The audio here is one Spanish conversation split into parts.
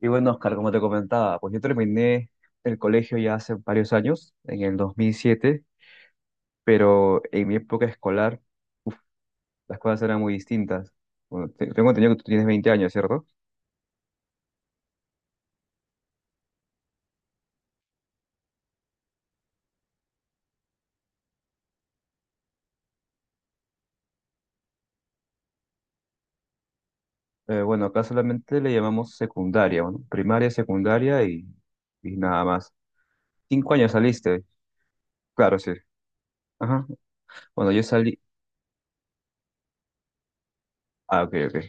Y bueno, Oscar, como te comentaba, pues yo terminé el colegio ya hace varios años, en el 2007, pero en mi época escolar, uf, las cosas eran muy distintas. Bueno, tengo entendido que tú tienes 20 años, ¿cierto? Bueno, acá solamente le llamamos secundaria, bueno, primaria, secundaria y nada más. Cinco años saliste, claro, sí. Ajá. Bueno, yo salí, ah, ok, ok.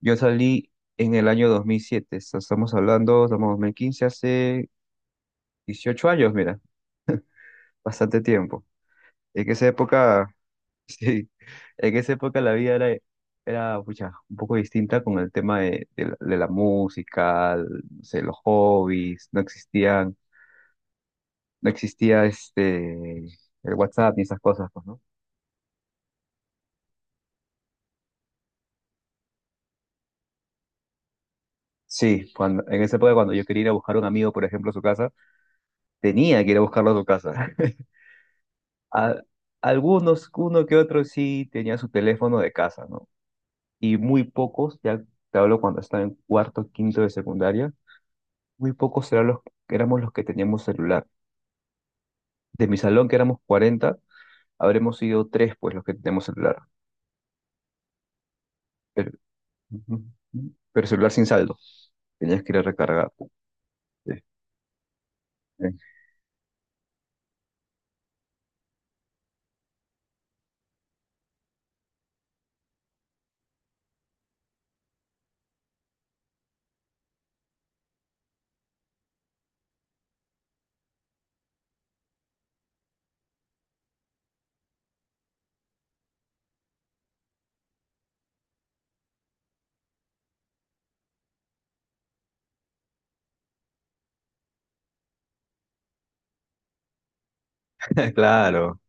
Yo salí en el año 2007, estamos hablando, estamos en 2015, hace 18 años, mira, bastante tiempo. En esa época, sí, en esa época la vida era, era pucha, un poco distinta con el tema de, de la música, no sé, los hobbies, no existían, no existía el WhatsApp ni esas cosas, pues, ¿no? Sí, cuando, en esa época cuando yo quería ir a buscar a un amigo, por ejemplo, a su casa, tenía que ir a buscarlo a su casa. A- algunos, uno que otro sí tenía su teléfono de casa, ¿no? Y muy pocos, ya te hablo cuando estaba en cuarto, quinto de secundaria. Muy pocos serán los que éramos los que teníamos celular. De mi salón, que éramos cuarenta, habremos sido tres, pues, los que teníamos celular. Pero, ujú, ujú. Pero celular sin saldo. Tenías que ir a recargar, pues. Sí. Claro,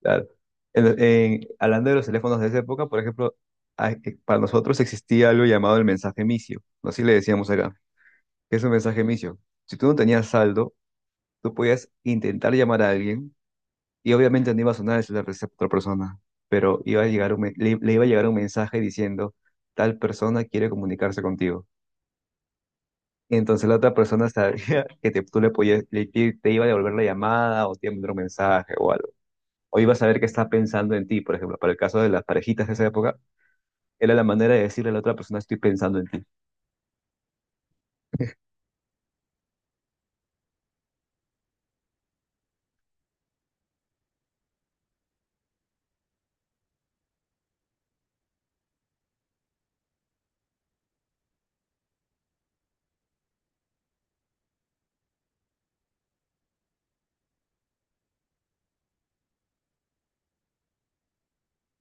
claro. Hablando de los teléfonos de esa época, por ejemplo, para nosotros existía algo llamado el mensaje micio. Así le decíamos acá. ¿Qué es un mensaje micio? Si tú no tenías saldo, tú podías intentar llamar a alguien. Y obviamente no iba a sonar el celular de esa otra persona, pero iba a llegar un le, le iba a llegar un mensaje diciendo, tal persona quiere comunicarse contigo. Y entonces la otra persona sabría que te, tú le podías, te iba a devolver la llamada o te iba a mandar un mensaje o algo. O iba a saber que está pensando en ti, por ejemplo, para el caso de las parejitas de esa época, era la manera de decirle a la otra persona, estoy pensando en ti.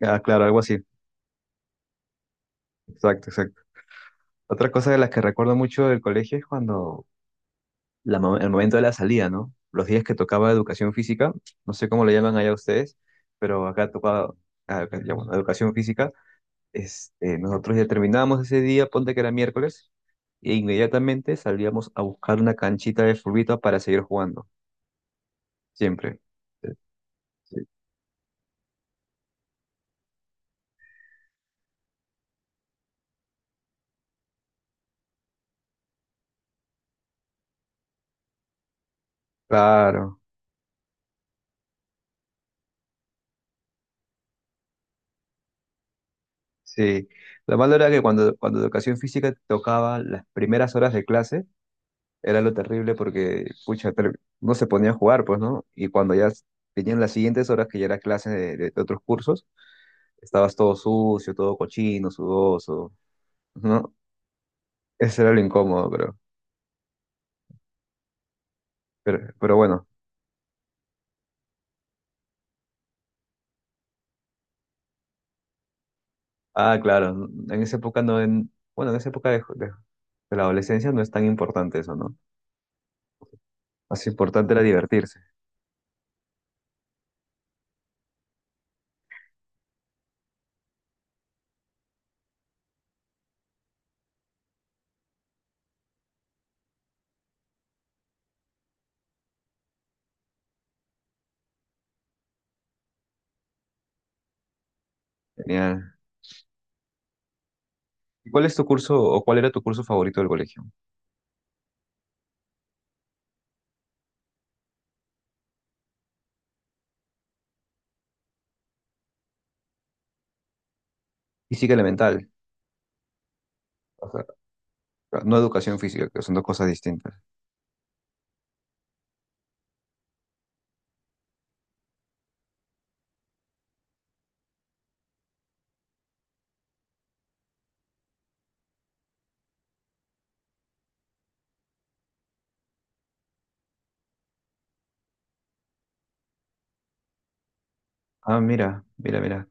Ah, claro, algo así. Exacto, exacto. Otra cosa de las que recuerdo mucho del colegio es cuando el momento de la salida, ¿no? Los días que tocaba educación física, no sé cómo le llaman allá ustedes, pero acá tocaba. Ah, acá ya, bueno, educación física. Nosotros ya terminábamos ese día, ponte que era miércoles, e inmediatamente salíamos a buscar una canchita de furbita para seguir jugando, siempre. Sí, sí. Claro, sí. Lo malo era que cuando educación física tocaba las primeras horas de clase, era lo terrible porque, pucha, no se ponía a jugar, pues, ¿no? Y cuando ya venían las siguientes horas que ya era clase de, de otros cursos, estabas todo sucio, todo cochino, sudoso, ¿no? Eso era lo incómodo, pero, pero bueno. Ah, claro, en esa época no, en, bueno, en esa época de, de la adolescencia no es tan importante eso, ¿no? Más importante era divertirse. Genial. ¿Y cuál es tu curso o cuál era tu curso favorito del colegio? Física elemental, o sea, no educación física, que son dos cosas distintas. Ah, mira, mira, mira.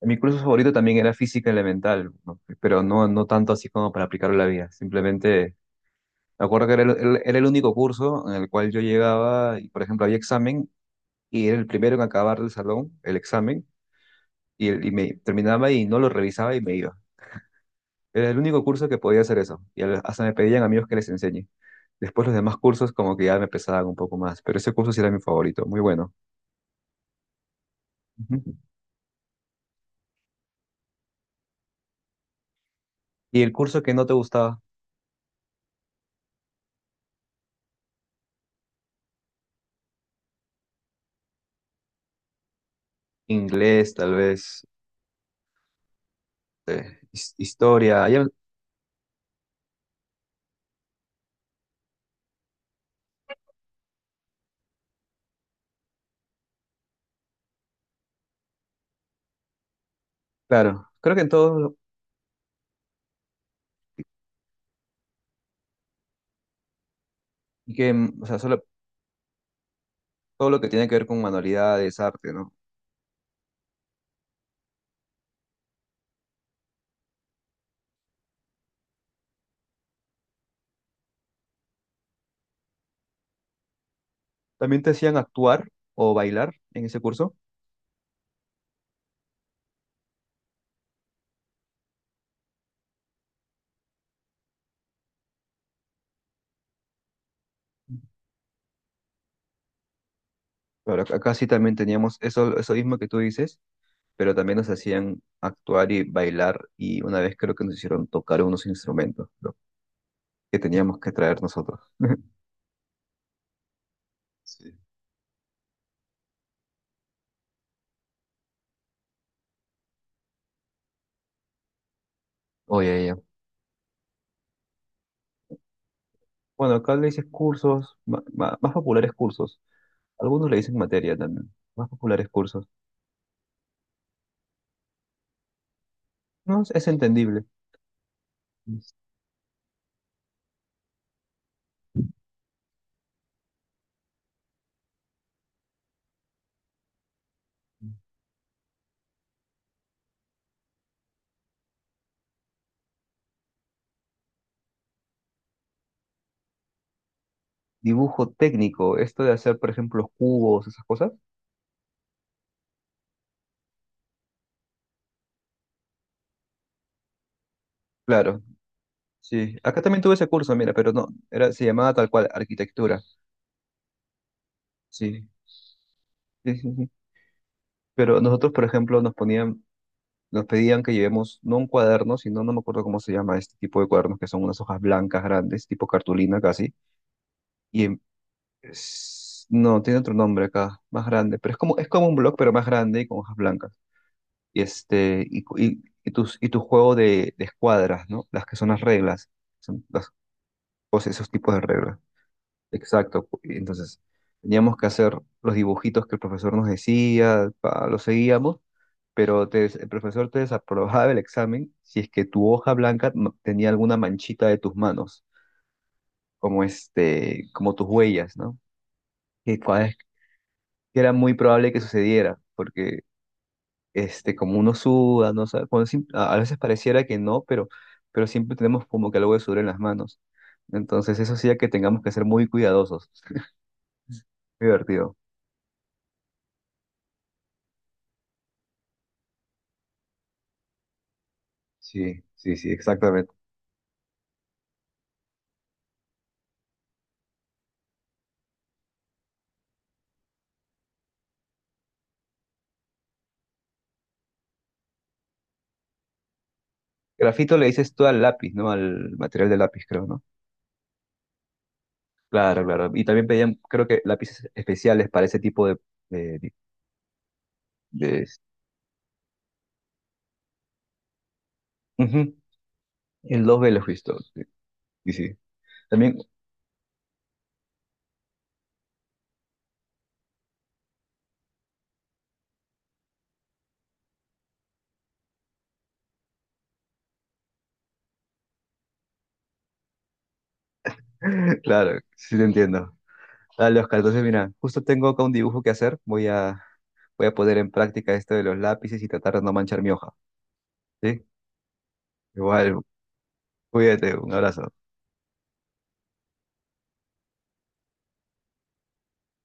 Mi curso favorito también era física elemental, ¿no? Pero no, no tanto así como para aplicarlo a la vida. Simplemente me acuerdo que era era el único curso en el cual yo llegaba y, por ejemplo, había examen y era el primero en acabar el salón, el examen, y me terminaba y no lo revisaba y me iba. Era el único curso que podía hacer eso. Y hasta me pedían amigos que les enseñe. Después los demás cursos como que ya me pesaban un poco más, pero ese curso sí era mi favorito, muy bueno. Ujú. ¿Y el curso que no te gustaba? Inglés, tal vez, historia. Hay, claro, creo que en todo, y que, mm, o sea, solo, todo lo que tiene que ver con manualidades, arte, ¿no? También te hacían actuar o bailar en ese curso, pero acá sí también teníamos eso, eso mismo que tú dices, pero también nos hacían actuar y bailar, y una vez creo que nos hicieron tocar unos instrumentos, ¿no? Que teníamos que traer nosotros. Sí. Oye, ya. Bueno, acá le dices cursos, más populares cursos. Algunos le dicen materia también, más populares cursos. No, es entendible. Dibujo técnico, esto de hacer, por ejemplo, los cubos, esas cosas. Claro, sí. Acá también tuve ese curso, mira, pero no, era, se llamaba tal cual arquitectura. Sí, sí, sí, sí. Pero nosotros, por ejemplo, nos ponían, nos pedían que llevemos no un cuaderno, sino no me acuerdo cómo se llama este tipo de cuadernos, que son unas hojas blancas grandes, tipo cartulina casi. Y no, tiene otro nombre acá, más grande, pero es como un blog, pero más grande y con hojas blancas. Y y, y tus, y tu juego de escuadras, ¿no? Las que son las reglas las, o sea, esos tipos de reglas. Exacto. Y entonces, teníamos que hacer los dibujitos que el profesor nos decía, pa, los seguíamos, pero el profesor te desaprobaba el examen si es que tu hoja blanca tenía alguna manchita de tus manos, como como tus huellas, ¿no? Que cua- que era muy probable que sucediera, porque como uno suda, no sabe, cuando a veces pareciera que no, pero siempre tenemos como que algo de sudor en las manos. Entonces, eso hacía que tengamos que ser muy cuidadosos. Divertido. Sí, sí, sí, exactamente. Grafito le dices tú al lápiz, ¿no? Al material de lápiz, creo, ¿no? Claro, claro. Y también pedían, creo que lápices especiales para ese tipo de, de- ujú. En los velos, ¿visto? Sí, sí, sí. También, claro, sí te entiendo. Dale, Oscar, entonces mira, justo tengo acá un dibujo que hacer. Voy a, voy a poner en práctica esto de los lápices y tratar de no manchar mi hoja, ¿sí? Igual, cuídate, un abrazo.